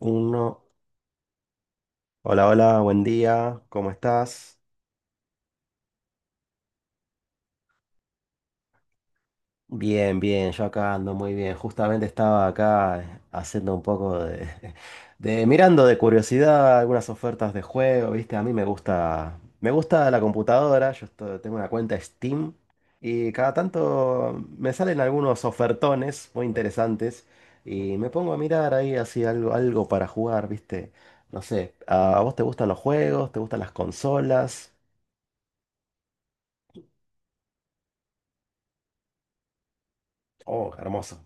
Uno. Hola, hola, buen día, ¿cómo estás? Bien, bien, yo acá ando muy bien. Justamente estaba acá haciendo un poco de, de mirando de curiosidad algunas ofertas de juego, ¿viste? A mí me gusta la computadora, yo tengo una cuenta Steam y cada tanto me salen algunos ofertones muy interesantes y me pongo a mirar ahí así algo para jugar, ¿viste? No sé, ¿a vos te gustan los juegos? ¿Te gustan las consolas? Oh, hermoso.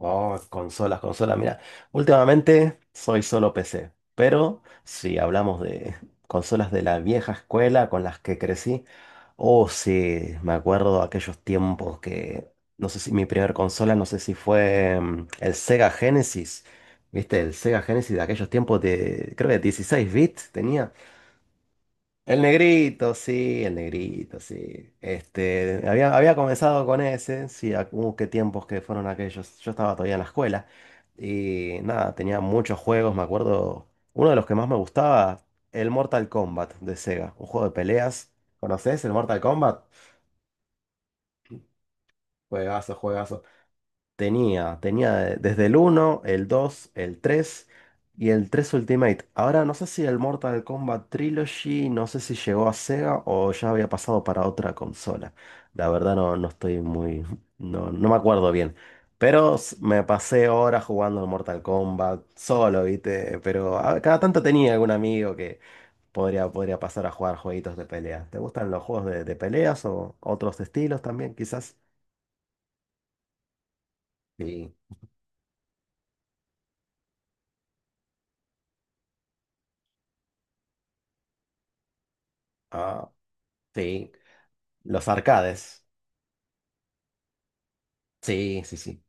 Oh, consolas, consolas. Mira, últimamente soy solo PC, pero si hablamos de consolas de la vieja escuela con las que crecí, oh sí, me acuerdo aquellos tiempos que, no sé si mi primer consola, no sé si fue el Sega Genesis, ¿viste? El Sega Genesis de aquellos tiempos de, creo que 16 bits tenía. El negrito, sí, el negrito, sí. Este, había comenzado con ese, sí, qué tiempos que fueron aquellos. Yo estaba todavía en la escuela y nada, tenía muchos juegos, me acuerdo. Uno de los que más me gustaba, el Mortal Kombat de Sega, un juego de peleas. ¿Conoces el Mortal Kombat? Juegazo, juegazo. Tenía desde el uno el 2 el 3 y el 3 Ultimate. Ahora no sé si el Mortal Kombat Trilogy, no sé si llegó a Sega o ya había pasado para otra consola. La verdad no, no estoy muy, no me acuerdo bien. Pero me pasé horas jugando al Mortal Kombat solo, ¿viste? Pero cada tanto tenía algún amigo que podría pasar a jugar jueguitos de pelea. ¿Te gustan los juegos de peleas o otros estilos también, quizás? Sí. Ah, sí. Los arcades. Sí, sí, sí.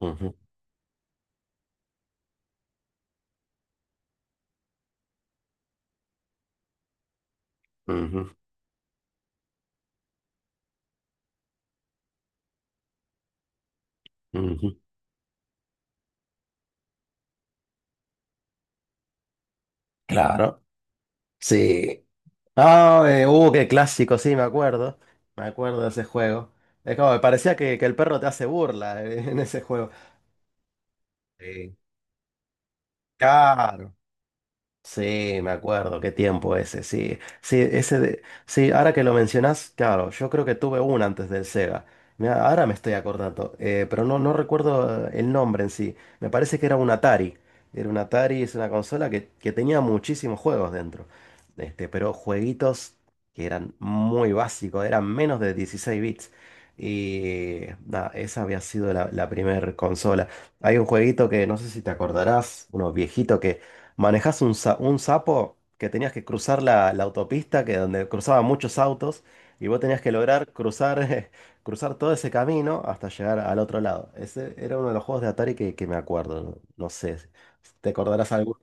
Ujú, ujú, ujú. Claro. Sí. Ah, qué clásico, sí, me acuerdo. Me acuerdo de ese juego. Es como, me parecía que, el perro te hace burla en ese juego. Sí. Claro. Sí, me acuerdo, qué tiempo ese, sí. Sí, ahora que lo mencionás, claro, yo creo que tuve uno antes del Sega. Mirá, ahora me estoy acordando, pero no recuerdo el nombre en sí. Me parece que era un Atari. Era un Atari, es una consola que tenía muchísimos juegos dentro. Este, pero jueguitos que eran muy básicos, eran menos de 16 bits. Y nada, esa había sido la primera consola. Hay un jueguito que no sé si te acordarás, uno viejito manejás un sapo que tenías que cruzar la autopista, que donde cruzaban muchos autos, y vos tenías que lograr cruzar, cruzar todo ese camino hasta llegar al otro lado. Ese era uno de los juegos de Atari que me acuerdo. No, no sé, ¿te acordarás algo?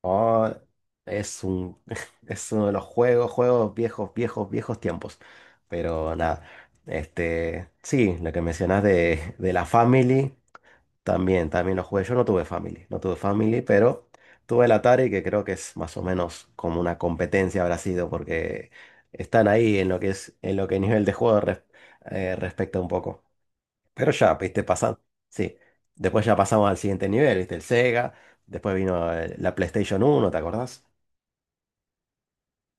Oh, es un, es uno de los juegos, juegos viejos, viejos, viejos tiempos. Pero nada, este, sí, lo que mencionás de la Family. También lo jugué. Yo no tuve Family, no tuve Family, pero tuve el Atari, que creo que es más o menos como una competencia habrá sido, porque están ahí en lo que es, en lo que nivel de juego respecta un poco. Pero ya, viste, pasando. Sí. Después ya pasamos al siguiente nivel, viste, el Sega. Después vino la PlayStation uno. ¿Te acordás?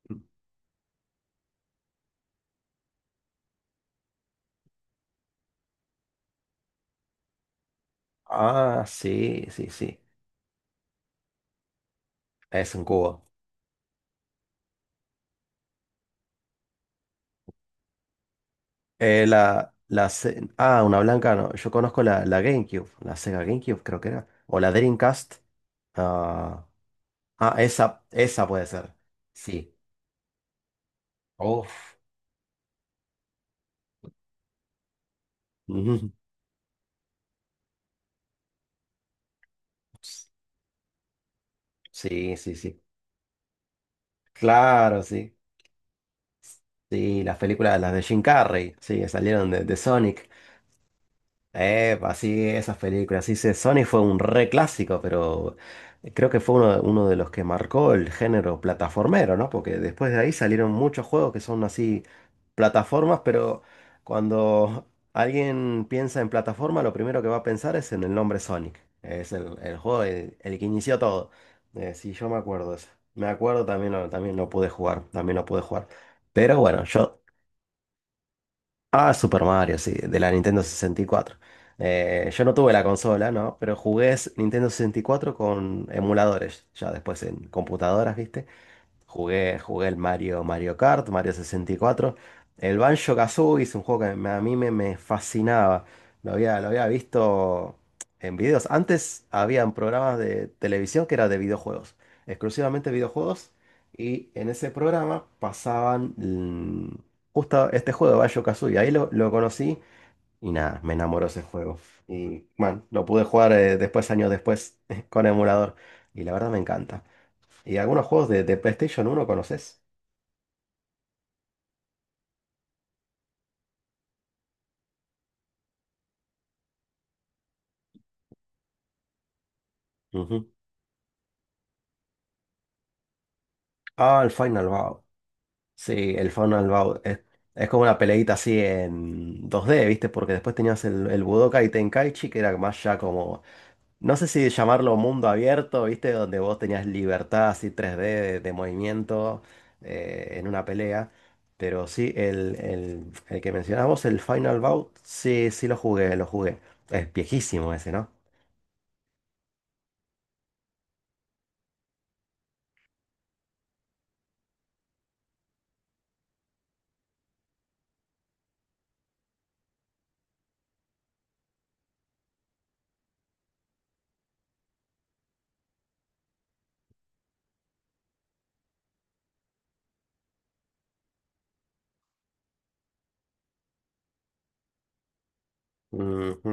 Mm. Ah, sí, sí, sí. Es un cubo. Una blanca no. Yo conozco la GameCube, la Sega GameCube creo que era. O la Dreamcast. Ah, ah, esa puede ser. Sí. Uf. Ujú. Sí, sí, sí. Claro, sí. Sí, las películas, las de Jim Carrey, sí, que salieron de Sonic. Así esas películas, sí, sí, Sonic fue un re clásico, pero creo que fue uno de los que marcó el género plataformero, ¿no? Porque después de ahí salieron muchos juegos que son así plataformas, pero cuando alguien piensa en plataforma, lo primero que va a pensar es en el nombre Sonic. Es el juego, el que inició todo. Sí, yo me acuerdo de eso. Me acuerdo, también lo pude jugar, también lo pude jugar. Pero bueno, yo Ah, Super Mario, sí, de la Nintendo 64. Yo no tuve la consola, ¿no? Pero jugué Nintendo 64 con emuladores, ya después en computadoras, ¿viste? Jugué el Mario, Mario Kart, Mario 64. El Banjo-Kazooie es un juego que a mí me fascinaba. Lo había visto en videos. Antes habían programas de televisión que era de videojuegos, exclusivamente videojuegos. Y en ese programa pasaban justo este juego de Banjo-Kazooie. Ahí lo conocí y nada, me enamoró ese juego. Y bueno, lo pude jugar después, años después, con emulador. Y la verdad me encanta. Y algunos juegos de PlayStation uno conoces. Ujú. Ah, el Final Bout. Sí, el Final Bout. Es como una peleita así en 2D, ¿viste? Porque después tenías el Budokai Tenkaichi, que era más ya como. No sé si llamarlo mundo abierto, ¿viste? Donde vos tenías libertad así 3D de movimiento en una pelea. Pero sí, el que mencionabas vos, el Final Bout, sí, sí lo jugué, lo jugué. Es viejísimo ese, ¿no? Ujú.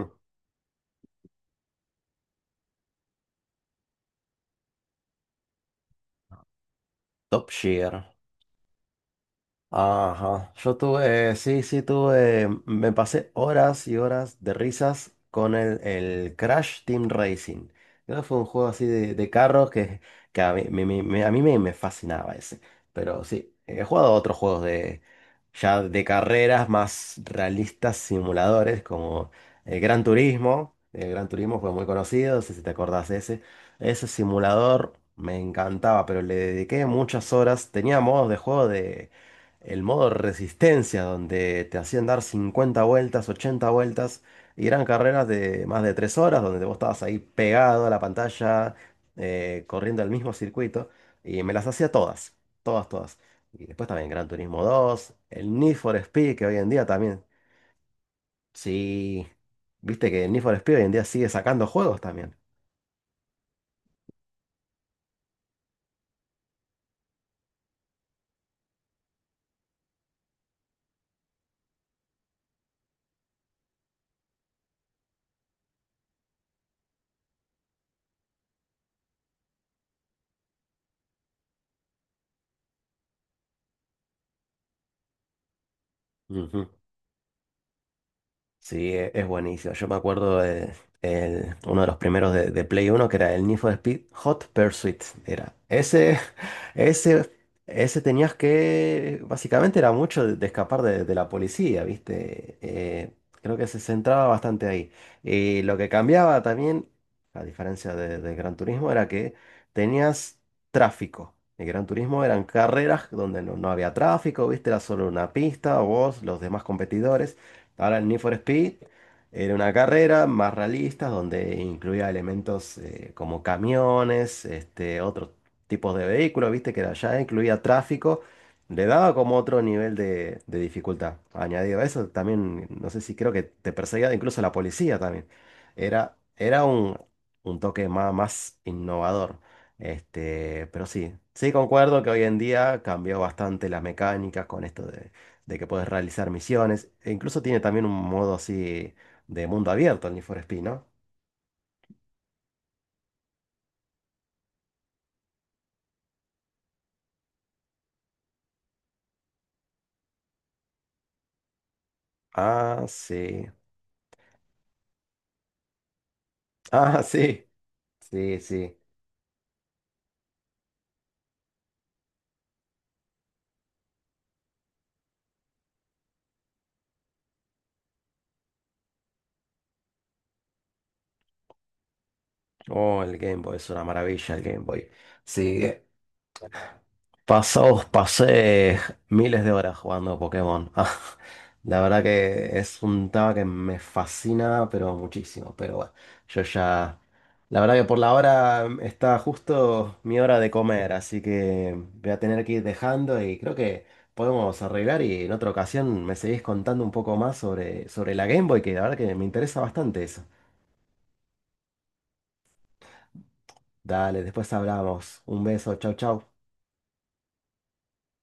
Top Gear. Ajá, yo tuve, sí, sí, tuve, me pasé horas y horas de risas con el Crash Team Racing. Creo que fue un juego así de carros que a mí me fascinaba ese. Pero sí, he jugado a otros juegos ya de carreras más realistas, simuladores, como el Gran Turismo. El Gran Turismo fue muy conocido, no sé si te acordás de ese. Ese simulador me encantaba, pero le dediqué muchas horas. Tenía modos de juego de el modo resistencia, donde te hacían dar 50 vueltas, 80 vueltas, y eran carreras de más de 3 horas, donde vos estabas ahí pegado a la pantalla, corriendo el mismo circuito, y me las hacía todas, todas, todas. Y después también Gran Turismo 2 el Need for Speed, que hoy en día también, sí, viste que el Need for Speed hoy en día sigue sacando juegos también. Ujú. Sí, es buenísimo. Yo me acuerdo de uno de los primeros de Play Uno que era el Need for Speed Hot Pursuit. Era ese, ese, ese, tenías que, básicamente era mucho de escapar de la policía, ¿viste? Creo que se centraba bastante ahí. Y lo que cambiaba también, a diferencia de Gran Turismo, era que tenías tráfico. El Gran Turismo eran carreras donde no había tráfico, ¿viste? Era solo una pista, vos, los demás competidores. Ahora el Need for Speed era una carrera más realista donde incluía elementos como camiones, este, otros tipos de vehículos, viste que ya incluía tráfico, le daba como otro nivel de dificultad. Añadido a eso, también, no sé si creo que te perseguía incluso la policía también. Era un, toque más, más innovador. Este, pero sí, sí concuerdo que hoy en día cambió bastante las mecánicas con esto de que puedes realizar misiones. E incluso tiene también un modo así de mundo abierto el Need for Speed, ¿no? Ah, sí. Ah, sí. Sí, sí. Oh, el Game Boy es una maravilla el Game Boy. Sí, pasé miles de horas jugando Pokémon. Ah, la verdad que es un tema que me fascina, pero muchísimo. Pero bueno, yo ya. La verdad que por la hora está justo mi hora de comer, así que voy a tener que ir dejando y creo que podemos arreglar y en otra ocasión me seguís contando un poco más sobre la Game Boy, que la verdad que me interesa bastante eso. Dale, después hablamos. Un beso, chau, chau.